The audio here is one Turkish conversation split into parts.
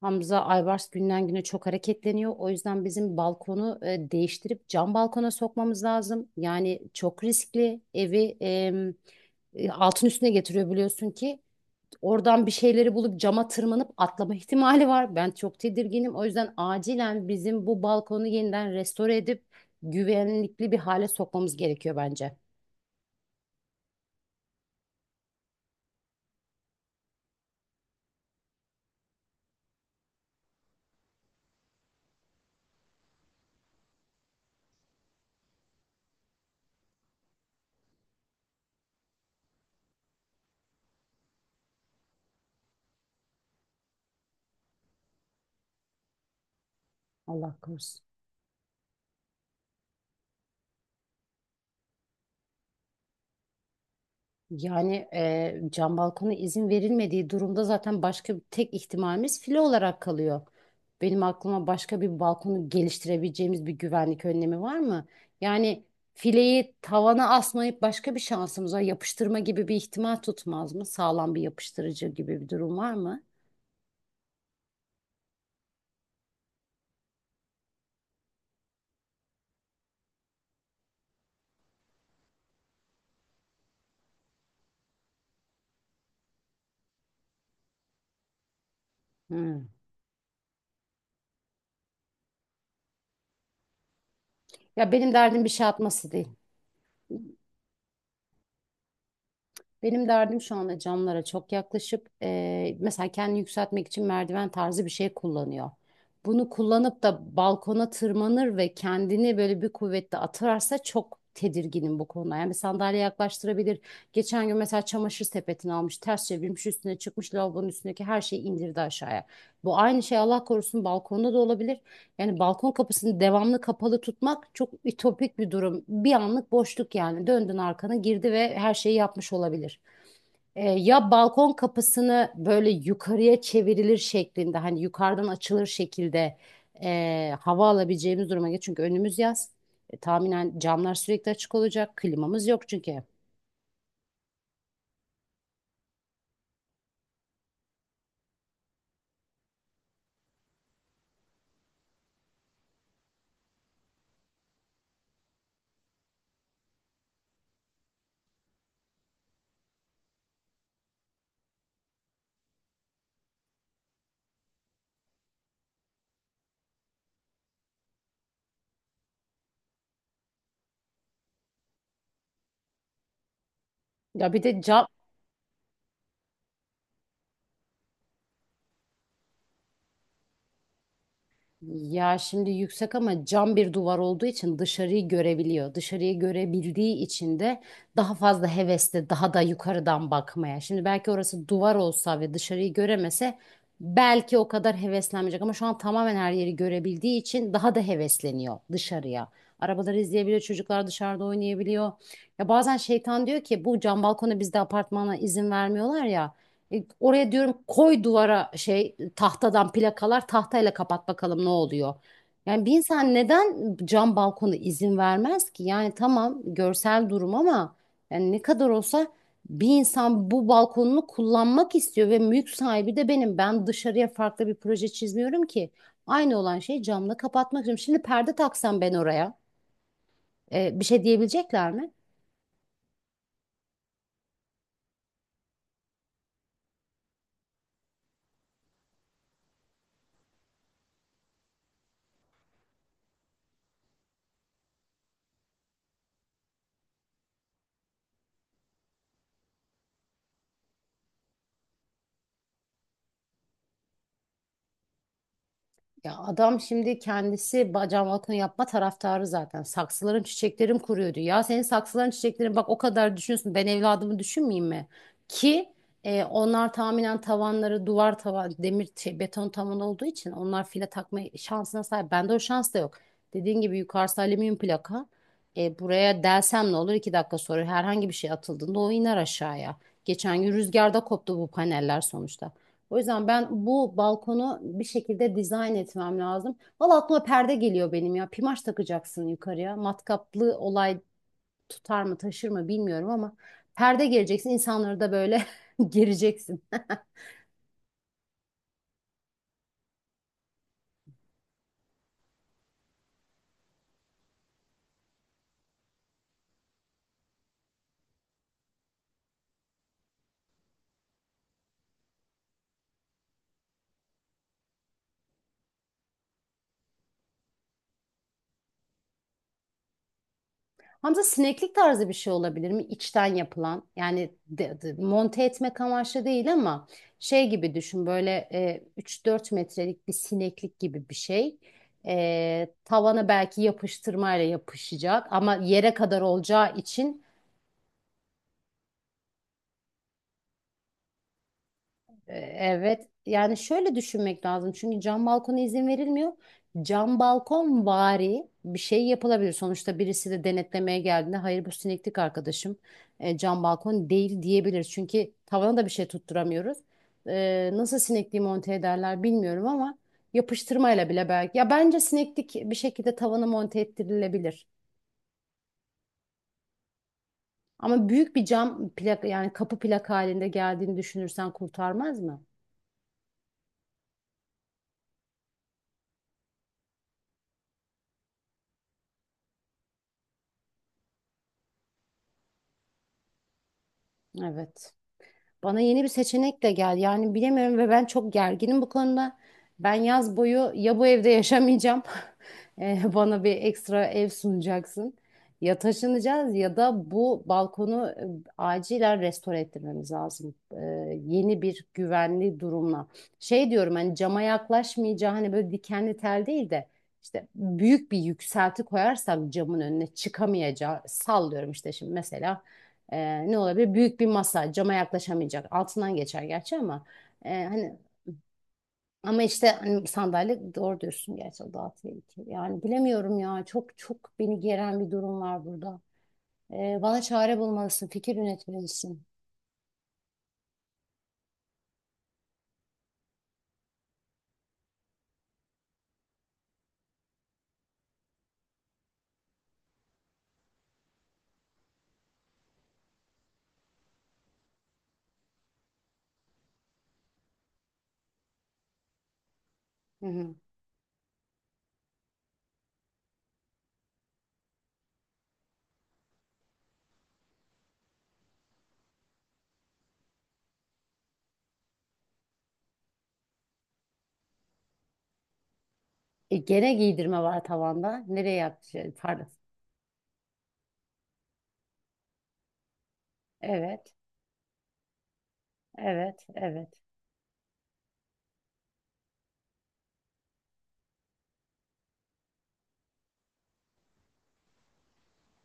Hamza Aybars günden güne çok hareketleniyor. O yüzden bizim balkonu değiştirip cam balkona sokmamız lazım. Yani çok riskli. Evi altın üstüne getiriyor biliyorsun ki. Oradan bir şeyleri bulup cama tırmanıp atlama ihtimali var. Ben çok tedirginim. O yüzden acilen bizim bu balkonu yeniden restore edip güvenlikli bir hale sokmamız gerekiyor bence. Allah korusun. Yani cam balkona izin verilmediği durumda zaten başka bir tek ihtimalimiz file olarak kalıyor. Benim aklıma başka bir balkonu geliştirebileceğimiz bir güvenlik önlemi var mı? Yani fileyi tavana asmayıp başka bir şansımız var. Yapıştırma gibi bir ihtimal tutmaz mı? Sağlam bir yapıştırıcı gibi bir durum var mı? Hmm. Ya benim derdim bir şey atması değil. Benim derdim şu anda camlara çok yaklaşıp mesela kendini yükseltmek için merdiven tarzı bir şey kullanıyor. Bunu kullanıp da balkona tırmanır ve kendini böyle bir kuvvetle atarsa çok tedirginim bu konuda. Yani bir sandalye yaklaştırabilir. Geçen gün mesela çamaşır sepetini almış, ters çevirmiş, üstüne çıkmış lavabonun üstündeki her şeyi indirdi aşağıya. Bu aynı şey Allah korusun balkonda da olabilir. Yani balkon kapısını devamlı kapalı tutmak çok ütopik bir durum. Bir anlık boşluk yani. Döndün arkana girdi ve her şeyi yapmış olabilir. Ya balkon kapısını böyle yukarıya çevrilir şeklinde hani yukarıdan açılır şekilde hava alabileceğimiz duruma geç. Çünkü önümüz yaz. Tahminen camlar sürekli açık olacak. Klimamız yok çünkü. Ya bir de ca- Ya şimdi yüksek ama cam bir duvar olduğu için dışarıyı görebiliyor. Dışarıyı görebildiği için de daha fazla hevesli, daha da yukarıdan bakmaya. Şimdi belki orası duvar olsa ve dışarıyı göremese belki o kadar heveslenmeyecek ama şu an tamamen her yeri görebildiği için daha da hevesleniyor dışarıya. Arabaları izleyebiliyor, çocuklar dışarıda oynayabiliyor. Ya bazen şeytan diyor ki bu cam balkona bizde apartmana izin vermiyorlar ya. Oraya diyorum, koy duvara şey, tahtadan plakalar, tahtayla kapat bakalım ne oluyor. Yani bir insan neden cam balkona izin vermez ki? Yani tamam, görsel durum ama yani ne kadar olsa bir insan bu balkonunu kullanmak istiyor ve mülk sahibi de benim. Ben dışarıya farklı bir proje çizmiyorum ki. Aynı olan şeyi camla kapatmak istiyorum. Şimdi perde taksam ben oraya, bir şey diyebilecekler mi? Ya adam şimdi kendisi cam balkon yapma taraftarı zaten. Saksıların çiçeklerim kuruyordu. Ya senin saksıların çiçeklerin, bak o kadar düşünüyorsun. Ben evladımı düşünmeyeyim mi? Ki onlar tahminen tavanları duvar, tavan demir şey, beton tavan olduğu için onlar file takma şansına sahip. Bende o şans da yok. Dediğin gibi yukarısı alüminyum plaka. Buraya delsem ne olur? 2 dakika sonra herhangi bir şey atıldığında o iner aşağıya. Geçen gün rüzgarda koptu bu paneller sonuçta. O yüzden ben bu balkonu bir şekilde dizayn etmem lazım. Valla aklıma perde geliyor benim ya. Pimaş takacaksın yukarıya. Matkaplı olay tutar mı taşır mı bilmiyorum ama perde geleceksin. İnsanları da böyle gireceksin. Hamza, sineklik tarzı bir şey olabilir mi? İçten yapılan. Yani monte etmek amaçlı değil ama şey gibi düşün, böyle 3-4 metrelik bir sineklik gibi bir şey. Tavana belki yapıştırmayla yapışacak ama yere kadar olacağı için evet. Yani şöyle düşünmek lazım. Çünkü cam balkona izin verilmiyor. Cam balkon vari bir şey yapılabilir. Sonuçta birisi de denetlemeye geldiğinde, hayır bu sineklik arkadaşım, cam balkon değil diyebilir. Çünkü tavana da bir şey tutturamıyoruz. Nasıl sinekliği monte ederler bilmiyorum ama yapıştırmayla bile belki. Ya bence sineklik bir şekilde tavana monte ettirilebilir. Ama büyük bir cam plak, yani kapı plak halinde geldiğini düşünürsen kurtarmaz mı? Evet. Bana yeni bir seçenekle gel. Yani bilemiyorum ve ben çok gerginim bu konuda. Ben yaz boyu ya bu evde yaşamayacağım. Bana bir ekstra ev sunacaksın. Ya taşınacağız ya da bu balkonu acilen restore ettirmemiz lazım. Yeni bir güvenli durumla. Şey diyorum, hani cama yaklaşmayacağı, hani böyle dikenli tel değil de işte büyük bir yükselti koyarsak camın önüne çıkamayacağı, sallıyorum işte şimdi mesela ne olabilir? Büyük bir masa, cama yaklaşamayacak. Altından geçer gerçi ama hani, ama işte hani sandalye, doğru diyorsun gerçi o daha tehlikeli. Yani bilemiyorum ya, çok çok beni geren bir durum var burada. Bana çare bulmalısın, fikir üretmelisin. Hı hı. Gene giydirme var tavanda. Nereye yapacağız? Pardon. Evet, evet, evet.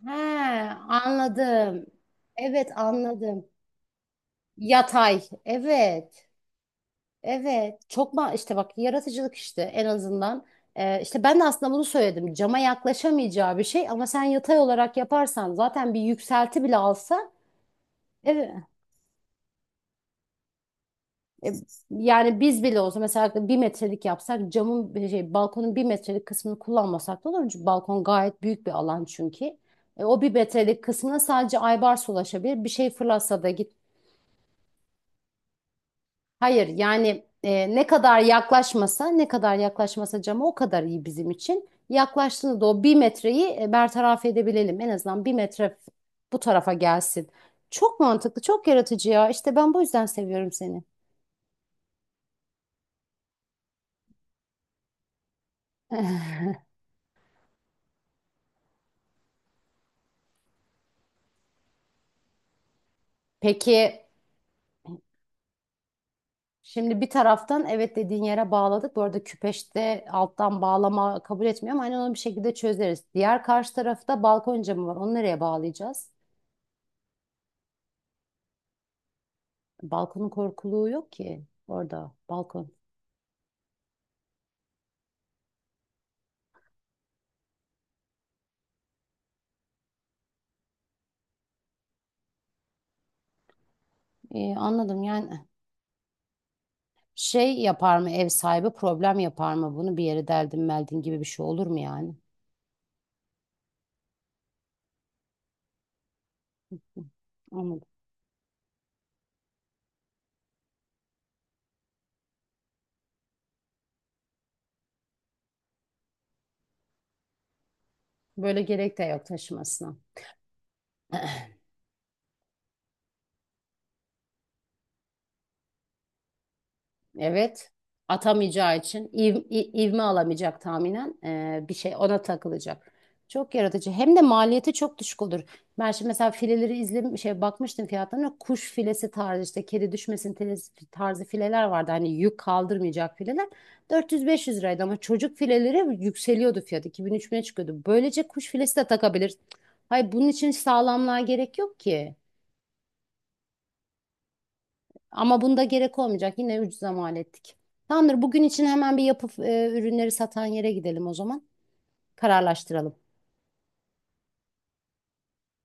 He, anladım. Evet, anladım. Yatay. Evet. Evet, çok ma işte bak, yaratıcılık işte en azından. İşte ben de aslında bunu söyledim. Cama yaklaşamayacağı bir şey ama sen yatay olarak yaparsan zaten bir yükselti bile alsa evet, E, yani biz bile olsa mesela 1 metrelik yapsak, camın bir şey, balkonun 1 metrelik kısmını kullanmasak da olur. Çünkü balkon gayet büyük bir alan çünkü. O 1 metrelik kısmına sadece Aybars ulaşabilir. Bir şey fırlatsa da hayır, yani ne kadar yaklaşmasa, ne kadar yaklaşmasa cama, o kadar iyi bizim için. Yaklaştığında da o 1 metreyi bertaraf edebilelim. En azından 1 metre bu tarafa gelsin. Çok mantıklı, çok yaratıcı ya. İşte ben bu yüzden seviyorum seni. Peki şimdi bir taraftan evet, dediğin yere bağladık. Bu arada küpeşte alttan bağlama kabul etmiyor ama hani onu bir şekilde çözeriz. Diğer karşı tarafta balkon camı var. Onu nereye bağlayacağız? Balkonun korkuluğu yok ki orada balkon. Anladım, yani şey yapar mı ev sahibi, problem yapar mı bunu, bir yere deldin meldin gibi bir şey olur mu yani? Anladım. Böyle gerek de yok taşımasına. Evet. Atamayacağı için, ivme alamayacak tahminen, bir şey ona takılacak. Çok yaratıcı. Hem de maliyeti çok düşük olur. Ben şimdi mesela fileleri izlemiş şey, bakmıştım fiyatlarına. Kuş filesi tarzı işte, kedi düşmesin tarzı fileler vardı. Hani yük kaldırmayacak fileler. 400-500 liraydı ama çocuk fileleri yükseliyordu fiyat. 2.000-3.000'e çıkıyordu. Böylece kuş filesi de takabilir. Hayır, bunun için sağlamlığa gerek yok ki. Ama bunda gerek olmayacak. Yine ucuza mal ettik. Tamamdır. Bugün için hemen bir yapıp ürünleri satan yere gidelim o zaman. Kararlaştıralım.